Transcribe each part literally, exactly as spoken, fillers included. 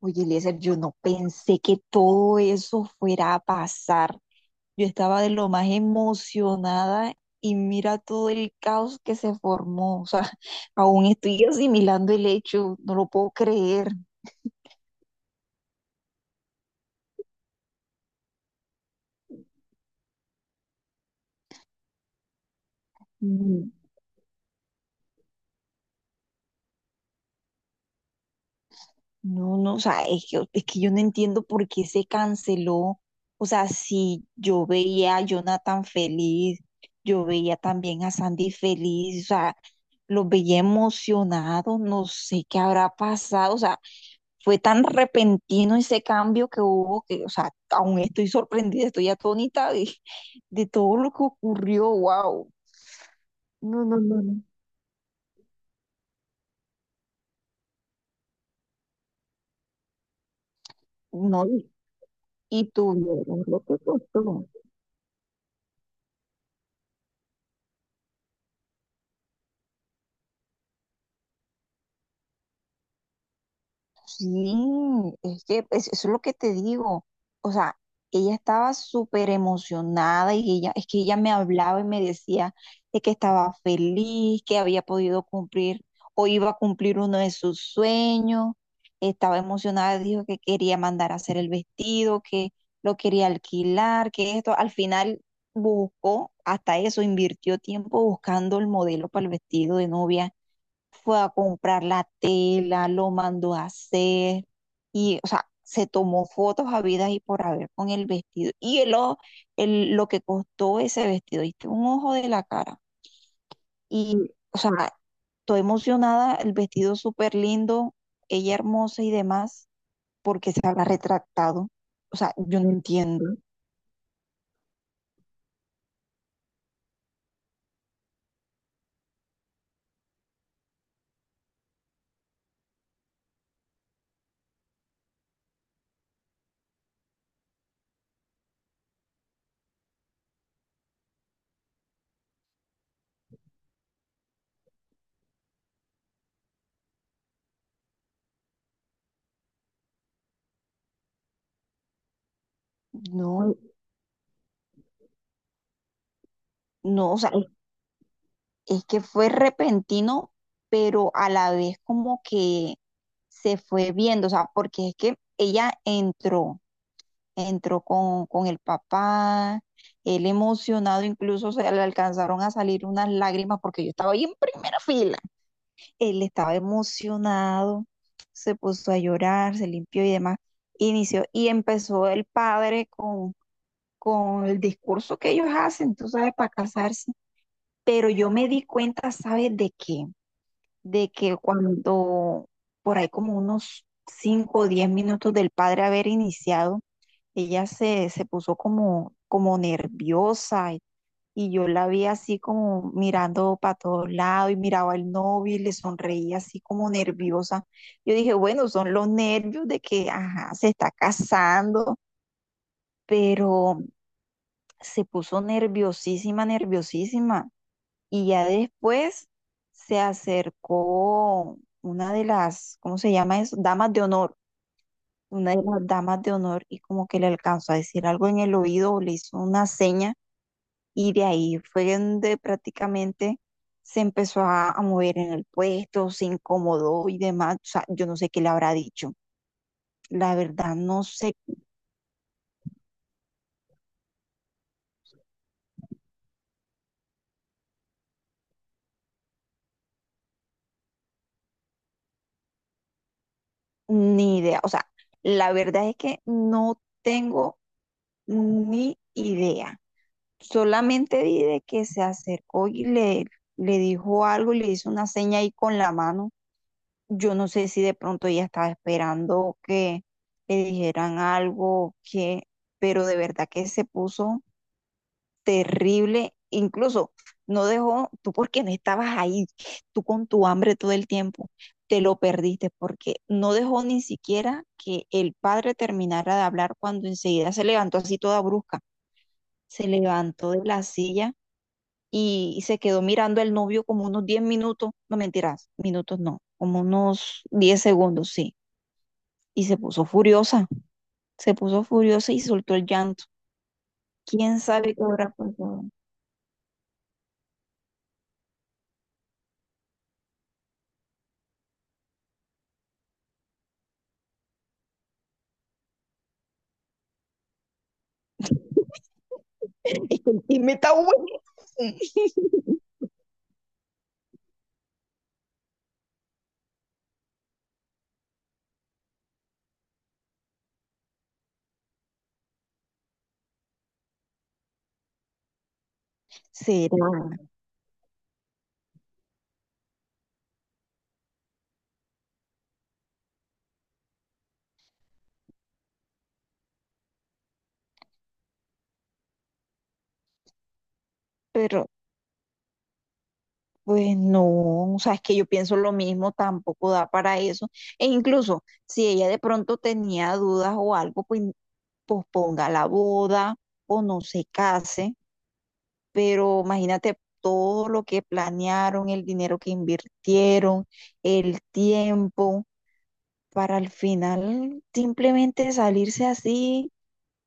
Oye, Eliezer, yo no pensé que todo eso fuera a pasar. Yo estaba de lo más emocionada y mira todo el caos que se formó. O sea, aún estoy asimilando el hecho, no lo puedo creer. Mm. No, no, o sea, es que, es que yo no entiendo por qué se canceló. O sea, si yo veía a Jonathan feliz, yo veía también a Sandy feliz, o sea, los veía emocionados, no sé qué habrá pasado. O sea, fue tan repentino ese cambio que hubo que, o sea, aún estoy sorprendida, estoy atónita de, de todo lo que ocurrió, wow. No, no, no, no. No, y y tuvieron lo que costó. Sí, es que es- eso es lo que te digo. O sea, ella estaba súper emocionada y ella, es que ella me hablaba y me decía de que estaba feliz, que había podido cumplir o iba a cumplir uno de sus sueños. Estaba emocionada, dijo que quería mandar a hacer el vestido, que lo quería alquilar, que esto. Al final buscó hasta eso, invirtió tiempo buscando el modelo para el vestido de novia, fue a comprar la tela, lo mandó a hacer y, o sea, se tomó fotos habidas y por haber con el vestido. Y el, ojo- el- lo que costó ese vestido, ¿viste? Un ojo de la cara. Y, o sea, estoy emocionada, el vestido súper lindo, ella hermosa y demás, porque se habrá retractado. O sea, yo no entiendo. No, no, o sea, es que fue repentino, pero a la vez como que se fue viendo, o sea, porque es que ella entró, entró con, con el papá, él emocionado, incluso se le alcanzaron a salir unas lágrimas porque yo estaba ahí en primera fila. Él estaba emocionado, se puso a llorar, se limpió y demás. Inició y empezó el padre con, con el discurso que ellos hacen, tú sabes, para casarse. Pero yo me di cuenta, ¿sabes de qué? De que cuando por ahí como unos cinco o diez minutos del padre haber iniciado, ella se, se puso como, como nerviosa y, y yo la vi así como mirando para todos lados y miraba al novio y le sonreía así como nerviosa. Yo dije, bueno, son los nervios de que, ajá, se está casando, pero se puso nerviosísima, nerviosísima. Y ya después se acercó una de las, ¿cómo se llama eso? Damas de honor, una de las damas de honor y como que le alcanzó a decir algo en el oído, o le hizo una seña y de ahí fue donde prácticamente se empezó a, a mover en el puesto, se incomodó y demás. O sea, yo no sé qué le habrá dicho. La verdad no sé. Ni idea. O sea, la verdad es que no tengo ni idea. Solamente di de que se acercó y le, le dijo algo, le hizo una seña ahí con la mano. Yo no sé si de pronto ella estaba esperando que le dijeran algo, que, pero de verdad que se puso terrible. Incluso no dejó, tú porque no estabas ahí, tú con tu hambre todo el tiempo, te lo perdiste porque no dejó ni siquiera que el padre terminara de hablar cuando enseguida se levantó así toda brusca. Se levantó de la silla y, y se quedó mirando al novio como unos diez minutos, no mentiras, minutos no, como unos diez segundos, sí. Y se puso furiosa, se puso furiosa y soltó el llanto. ¿Quién sabe qué habrá pasado? Y me está bueno. Será, pero pues no, o sea, es que yo pienso lo mismo, tampoco da para eso. E incluso si ella de pronto tenía dudas o algo, pues posponga la boda o no se case, pero imagínate todo lo que planearon, el dinero que invirtieron, el tiempo, para al final simplemente salirse así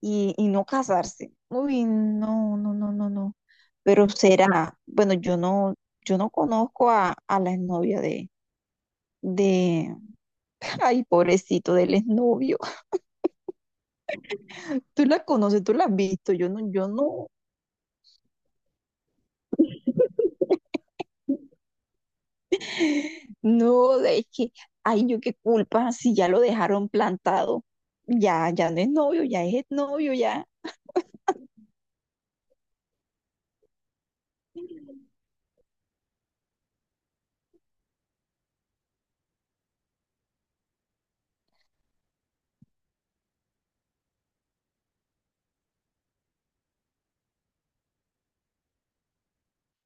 y, y no casarse. Uy, no, no, no, no, no. Pero será, bueno, yo no, yo no, conozco a, a la exnovia de, de, ay, pobrecito del exnovio. Tú la conoces, tú la has visto, yo no, yo no. No, es que, ay, yo qué culpa si ya lo dejaron plantado. Ya, ya no es novio, ya es novio, ya.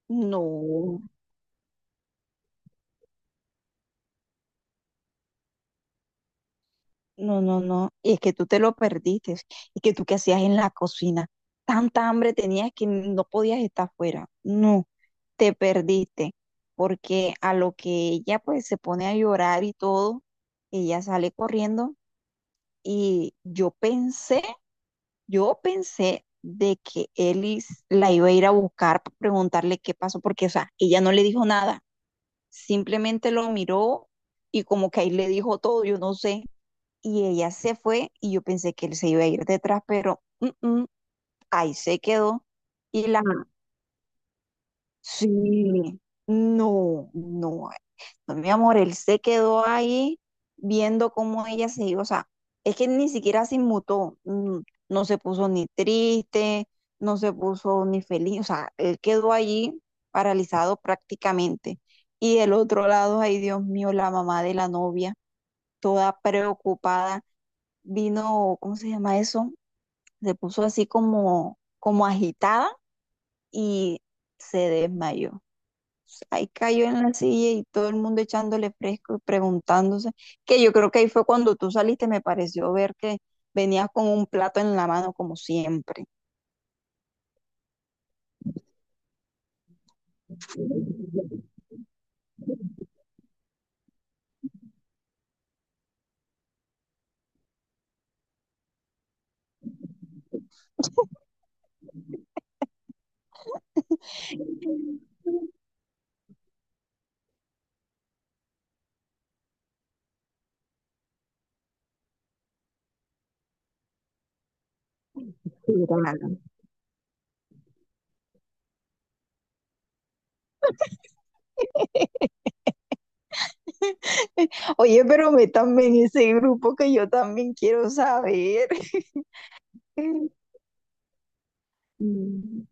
No, no, no, no. Y es que tú te lo perdiste. Es que tú qué hacías en la cocina. Tanta hambre tenías que no podías estar fuera. No, te perdiste. Porque a lo que ella pues se pone a llorar y todo, ella sale corriendo y yo pensé Yo pensé de que Ellis la iba a ir a buscar para preguntarle qué pasó, porque, o sea, ella no le dijo nada, simplemente lo miró y como que ahí le dijo todo, yo no sé, y ella se fue y yo pensé que él se iba a ir detrás, pero mm, mm, ahí se quedó. Y la. Sí, no, no, no, mi amor, él se quedó ahí viendo cómo ella se iba, o sea, es que ni siquiera se inmutó, mm, no se puso ni triste, no se puso ni feliz, o sea, él quedó allí paralizado prácticamente. Y del otro lado, ay Dios mío, la mamá de la novia, toda preocupada, vino, ¿cómo se llama eso? Se puso así como, como agitada y se desmayó pues. Ahí cayó en la silla y todo el mundo echándole fresco y preguntándose, que yo creo que ahí fue cuando tú saliste, me pareció ver que venías con un plato en la mano como siempre. Claro. Oye, pero métanme en ese grupo que yo también quiero saber. Mm,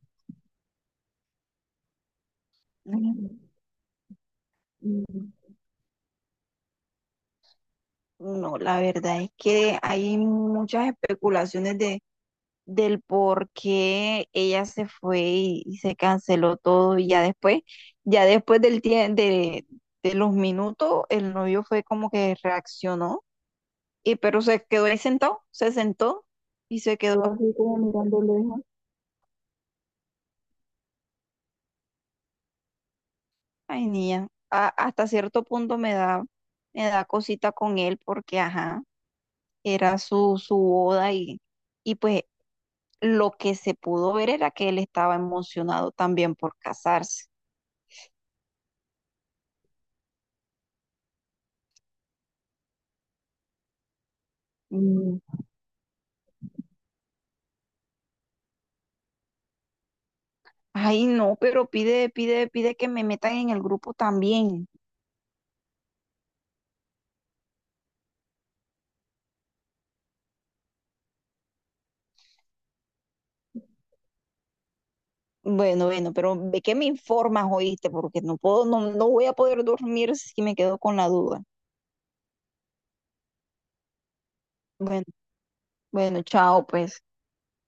mm, mm. No, la verdad es que hay muchas especulaciones de del por qué ella se fue y, y se canceló todo y ya después, ya después del tie- de, de los minutos, el novio fue como que reaccionó y pero se quedó ahí sentado, se sentó y se quedó así como mirando lejos. Ay, niña, a- hasta cierto punto me da, me da cosita con él porque, ajá, era su, su boda y, y pues lo que se pudo ver era que él estaba emocionado también por casarse. Mm. Ay, no, pero pide, pide, pide que me metan en el grupo también. Bueno, bueno, pero ve que me informas, oíste, porque no puedo, no, no voy a poder dormir si me quedo con la duda. Bueno, bueno, chao, pues.